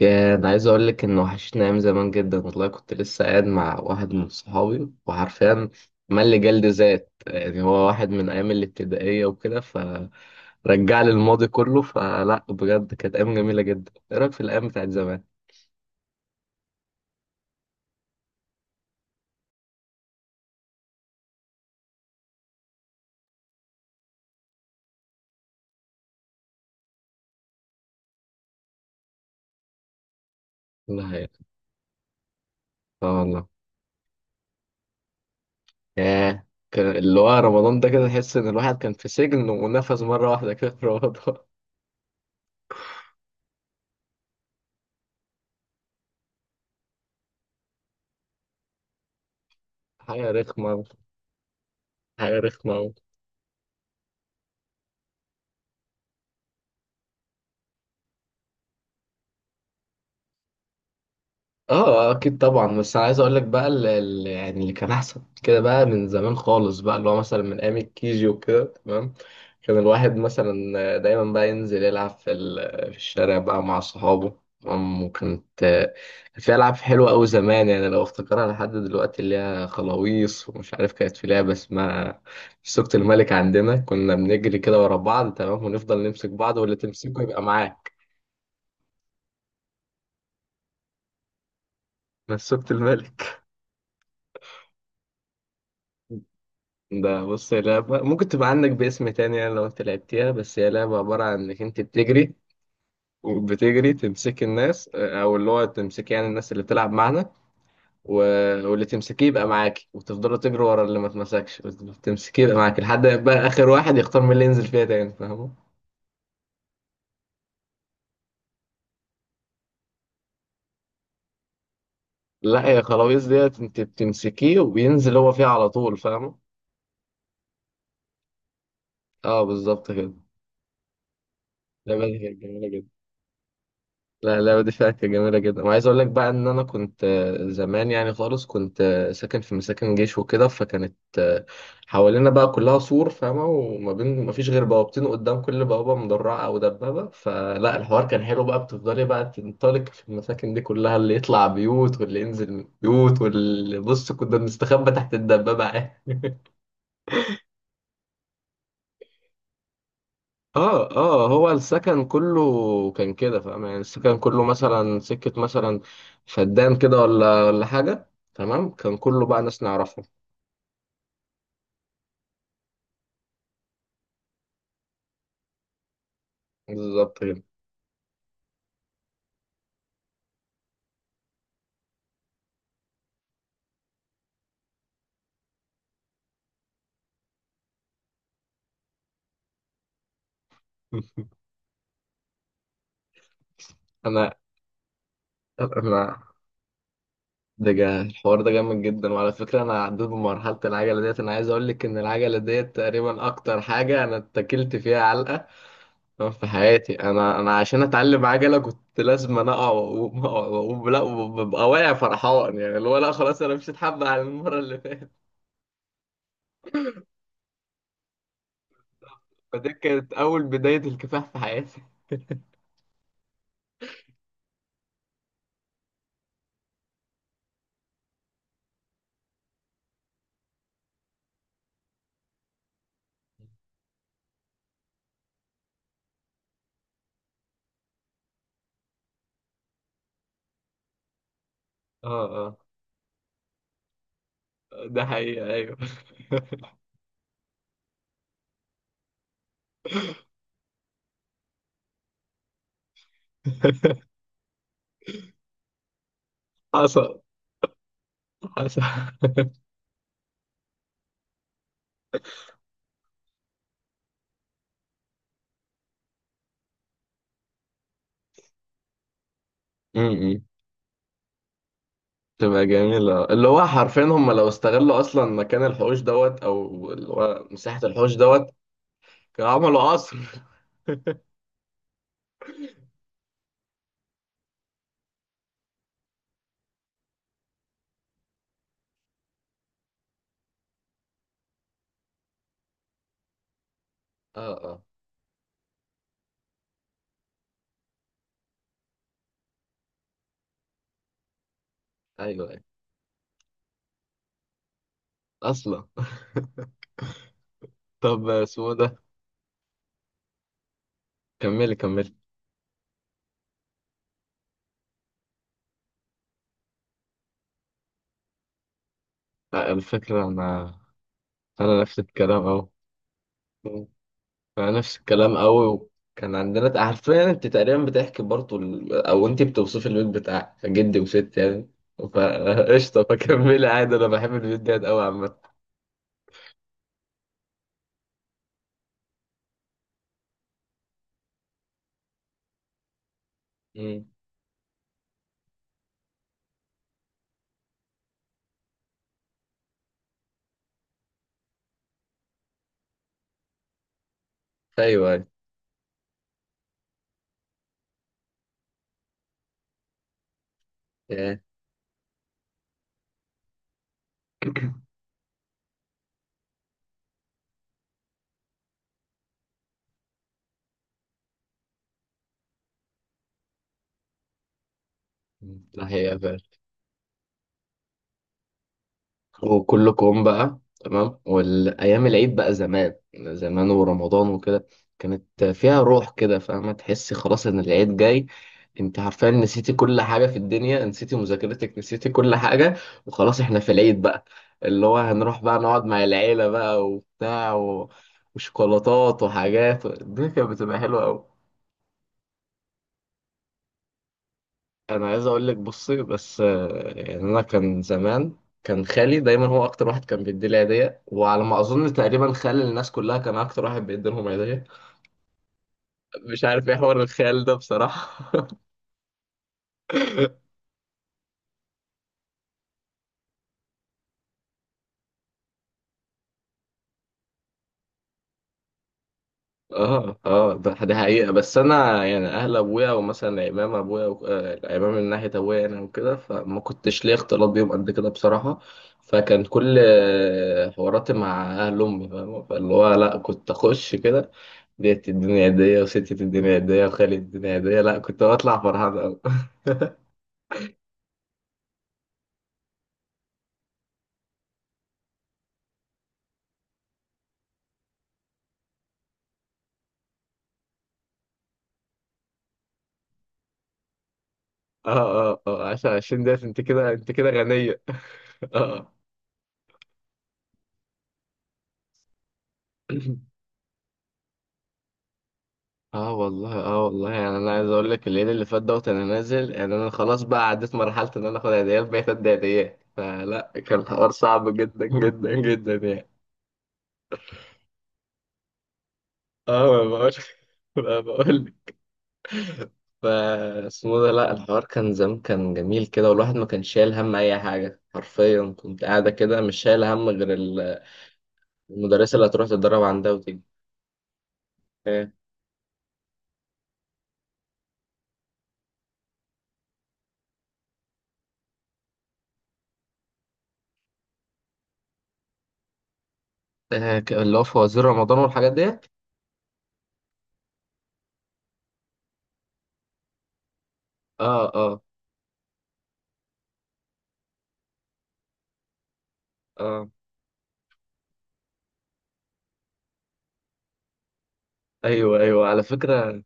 يا انا عايز اقول لك ان وحشتني ايام زمان جدا والله. كنت لسه قاعد مع واحد من صحابي وحرفيا مل جلد ذات، يعني هو واحد من ايام الابتدائيه وكده، فرجع لي الماضي كله. فلا بجد كانت ايام جميله جدا. ايه رايك في الايام بتاعت زمان؟ لا هي اه والله. اللي هو رمضان ده، كده تحس ان الواحد كان في سجن ونفذ مره واحده كده في رمضان حاجه رخمه. حاجه رخمه. اه اكيد طبعا. بس انا عايز اقول لك بقى، اللي يعني اللي كان احسن كده بقى من زمان خالص بقى، اللي هو مثلا من ايام الكيجي وكده، تمام؟ كان الواحد مثلا دايما بقى ينزل يلعب في الشارع بقى مع صحابه، تمام؟ وكانت، كان في العاب حلوه قوي زمان، يعني لو افتكرها لحد دلوقتي، اللي هي خلاويص ومش عارف، كانت في لعبه اسمها سوقة الملك. عندنا كنا بنجري كده ورا بعض، تمام؟ ونفضل نمسك بعض واللي تمسكه يبقى معاك. بس سوقة الملك. ده بص، هي لعبة ممكن تبقى عندك باسم تاني، يعني لو انت لعبتيها. بس هي لعبة عبارة عن انك انت بتجري وبتجري تمسك الناس، او اللي هو تمسك يعني الناس اللي بتلعب معانا. و... واللي تمسكيه يبقى معاكي وتفضلوا تجري ورا اللي ما تمسكش. تمسكيه يبقى معاكي لحد ما يبقى اخر واحد يختار مين اللي ينزل فيها تاني، فاهمه؟ لا، يا خلاويص ديت انت بتمسكيه وبينزل هو فيها على طول، فاهمه؟ اه بالظبط كده. اللعبة دي كانت جميلة جدا. لا اللعبة دي فيها جميلة جدا. وعايز أقول لك بقى، إن أنا كنت زمان يعني خالص، كنت ساكن في مساكن جيش وكده، فكانت حوالينا بقى كلها سور، فاهمة؟ وما بين ما فيش غير بوابتين، قدام كل بوابة مدرعة أو دبابة. فلا الحوار كان حلو بقى. بتفضلي بقى تنطلق في المساكن دي كلها، اللي يطلع بيوت واللي ينزل من بيوت. واللي بص، كنا بنستخبى تحت الدبابة عادي. اه اه، هو السكن كله كان كده، فاهم؟ يعني السكن كله مثلا سكة مثلا فدان كده ولا حاجة، تمام؟ كان كله بقى ناس نعرفهم. بالظبط كده. انا انا ده جا الحوار ده جامد جدا. وعلى فكرة انا عديت بمرحلة العجلة ديت. انا عايز اقول لك ان العجلة ديت تقريبا اكتر حاجة انا اتكلت فيها علقة في حياتي. انا عشان اتعلم عجلة كنت لازم انا اقع واقوم أقع وأقوم. لا وببقى واقع فرحان، يعني اللي هو لا خلاص انا مش هتحب على المرة. فدي كانت أول بداية الكفاح في حياتي. اه اه. ده حقيقة أيوه. حصل حصل. امم تبقى جميلة. اللي هو حرفيا هم لو استغلوا أصلا مكان الحوش دوت، أو اللي هو مساحة الحوش دوت، كانوا عملوا قصر. اه اه. أيوه أيوه. أصلا طب اسمه ده، كملي كملي. الفكرة أنا، أنا نفس الكلام أهو. أنا نفس الكلام قوي. كان عندنا حرفيا، انت تقريبا بتحكي برضه او انت بتوصفي البيت بتاعك جدي وست، يعني فقشطه فكملي عادي، انا بحب البيت ده قوي عامه. مم. ايوه ايوه. ياه. ده حقيقة فعلا. وكله كوم بقى. تمام. والايام العيد بقى زمان ورمضان وكده، كانت فيها روح كده، فاهمه؟ تحسي خلاص ان العيد جاي. انت عارفه، نسيتي كل حاجه في الدنيا، نسيتي مذاكرتك، نسيتي كل حاجه. وخلاص احنا في العيد بقى. اللي هو هنروح بقى نقعد مع العيله بقى وبتاع وشوكولاتات وحاجات. الدنيا كانت بتبقى حلوه قوي. انا عايز اقول لك، بصي بس، يعني انا كان زمان، كان خالي دايما هو اكتر واحد كان بيدي لي هديه. وعلى ما اظن تقريبا خال الناس كلها كان اكتر واحد بيدي لهم هديه. مش عارف ايه حوار الخال ده بصراحه اه اه، ده حقيقه. بس انا يعني اهل ابويا ومثلا العمام ابويا العمام من ناحيه ابويا انا وكده، فما كنتش ليا اختلاط بيهم قد كده بصراحه. فكان كل حواراتي مع اهل امي، فاهمة؟ فاللي هو لا، كنت اخش كده، ديت الدنيا هدية وستة الدنيا هدية وخالد الدنيا هدية. لا كنت بطلع فرحان أوي اه عشان عشان انت كده، انت كده غنية. اه. اه والله، اه والله، يعني انا عايز اقول لك، الليل اللي فات دوت انا نازل، يعني انا خلاص بقى عديت مرحلة ان انا اخد هدية، بقيت ادي هديات. فلا كان الحوار صعب جدا جدا جدا يعني. اه ما بقولش ما بقولك. فا اسمه ده. لا الحوار كان زمان كان جميل كده، والواحد ما كانش شايل هم اي حاجة. حرفيا كنت قاعدة كده، مش شايل هم غير ال، المدرسة اللي هتروح تتدرب عندها وتيجي. إيه. اللي هو في وزير رمضان والحاجات ديت. اه اه اه. ايوه ايوه على فكرة.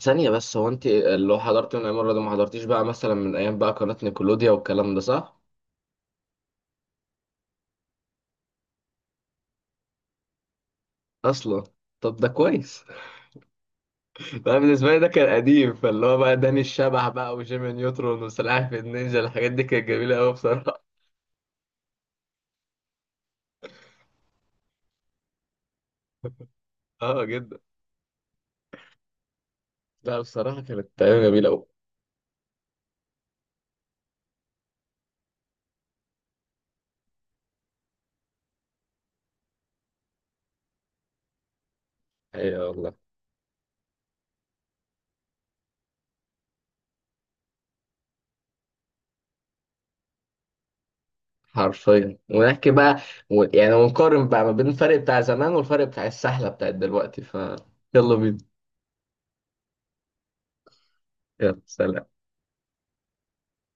ثانية بس، هو انت اللي هو حضرت من ايام الرياضة، ما حضرتيش بقى مثلا من ايام بقى قناة نيكولوديا والكلام ده، صح؟ اصلا. طب ده كويس. بقى بالنسبة لي ده كان قديم. فاللي هو بقى داني الشبح بقى وجيمي نيوترون وسلاحف النينجا، الحاجات دي كانت جميلة قوي بصراحة. اه جدا. لا بصراحة كانت أيام جميلة قوي. ايوه والله. حرفيا ونحكي بقى يعني ونقارن بقى ما بين الفرق بتاع زمان والفرق بتاع السحلة بتاعت دلوقتي. ف يلا بينا. يلا سلام.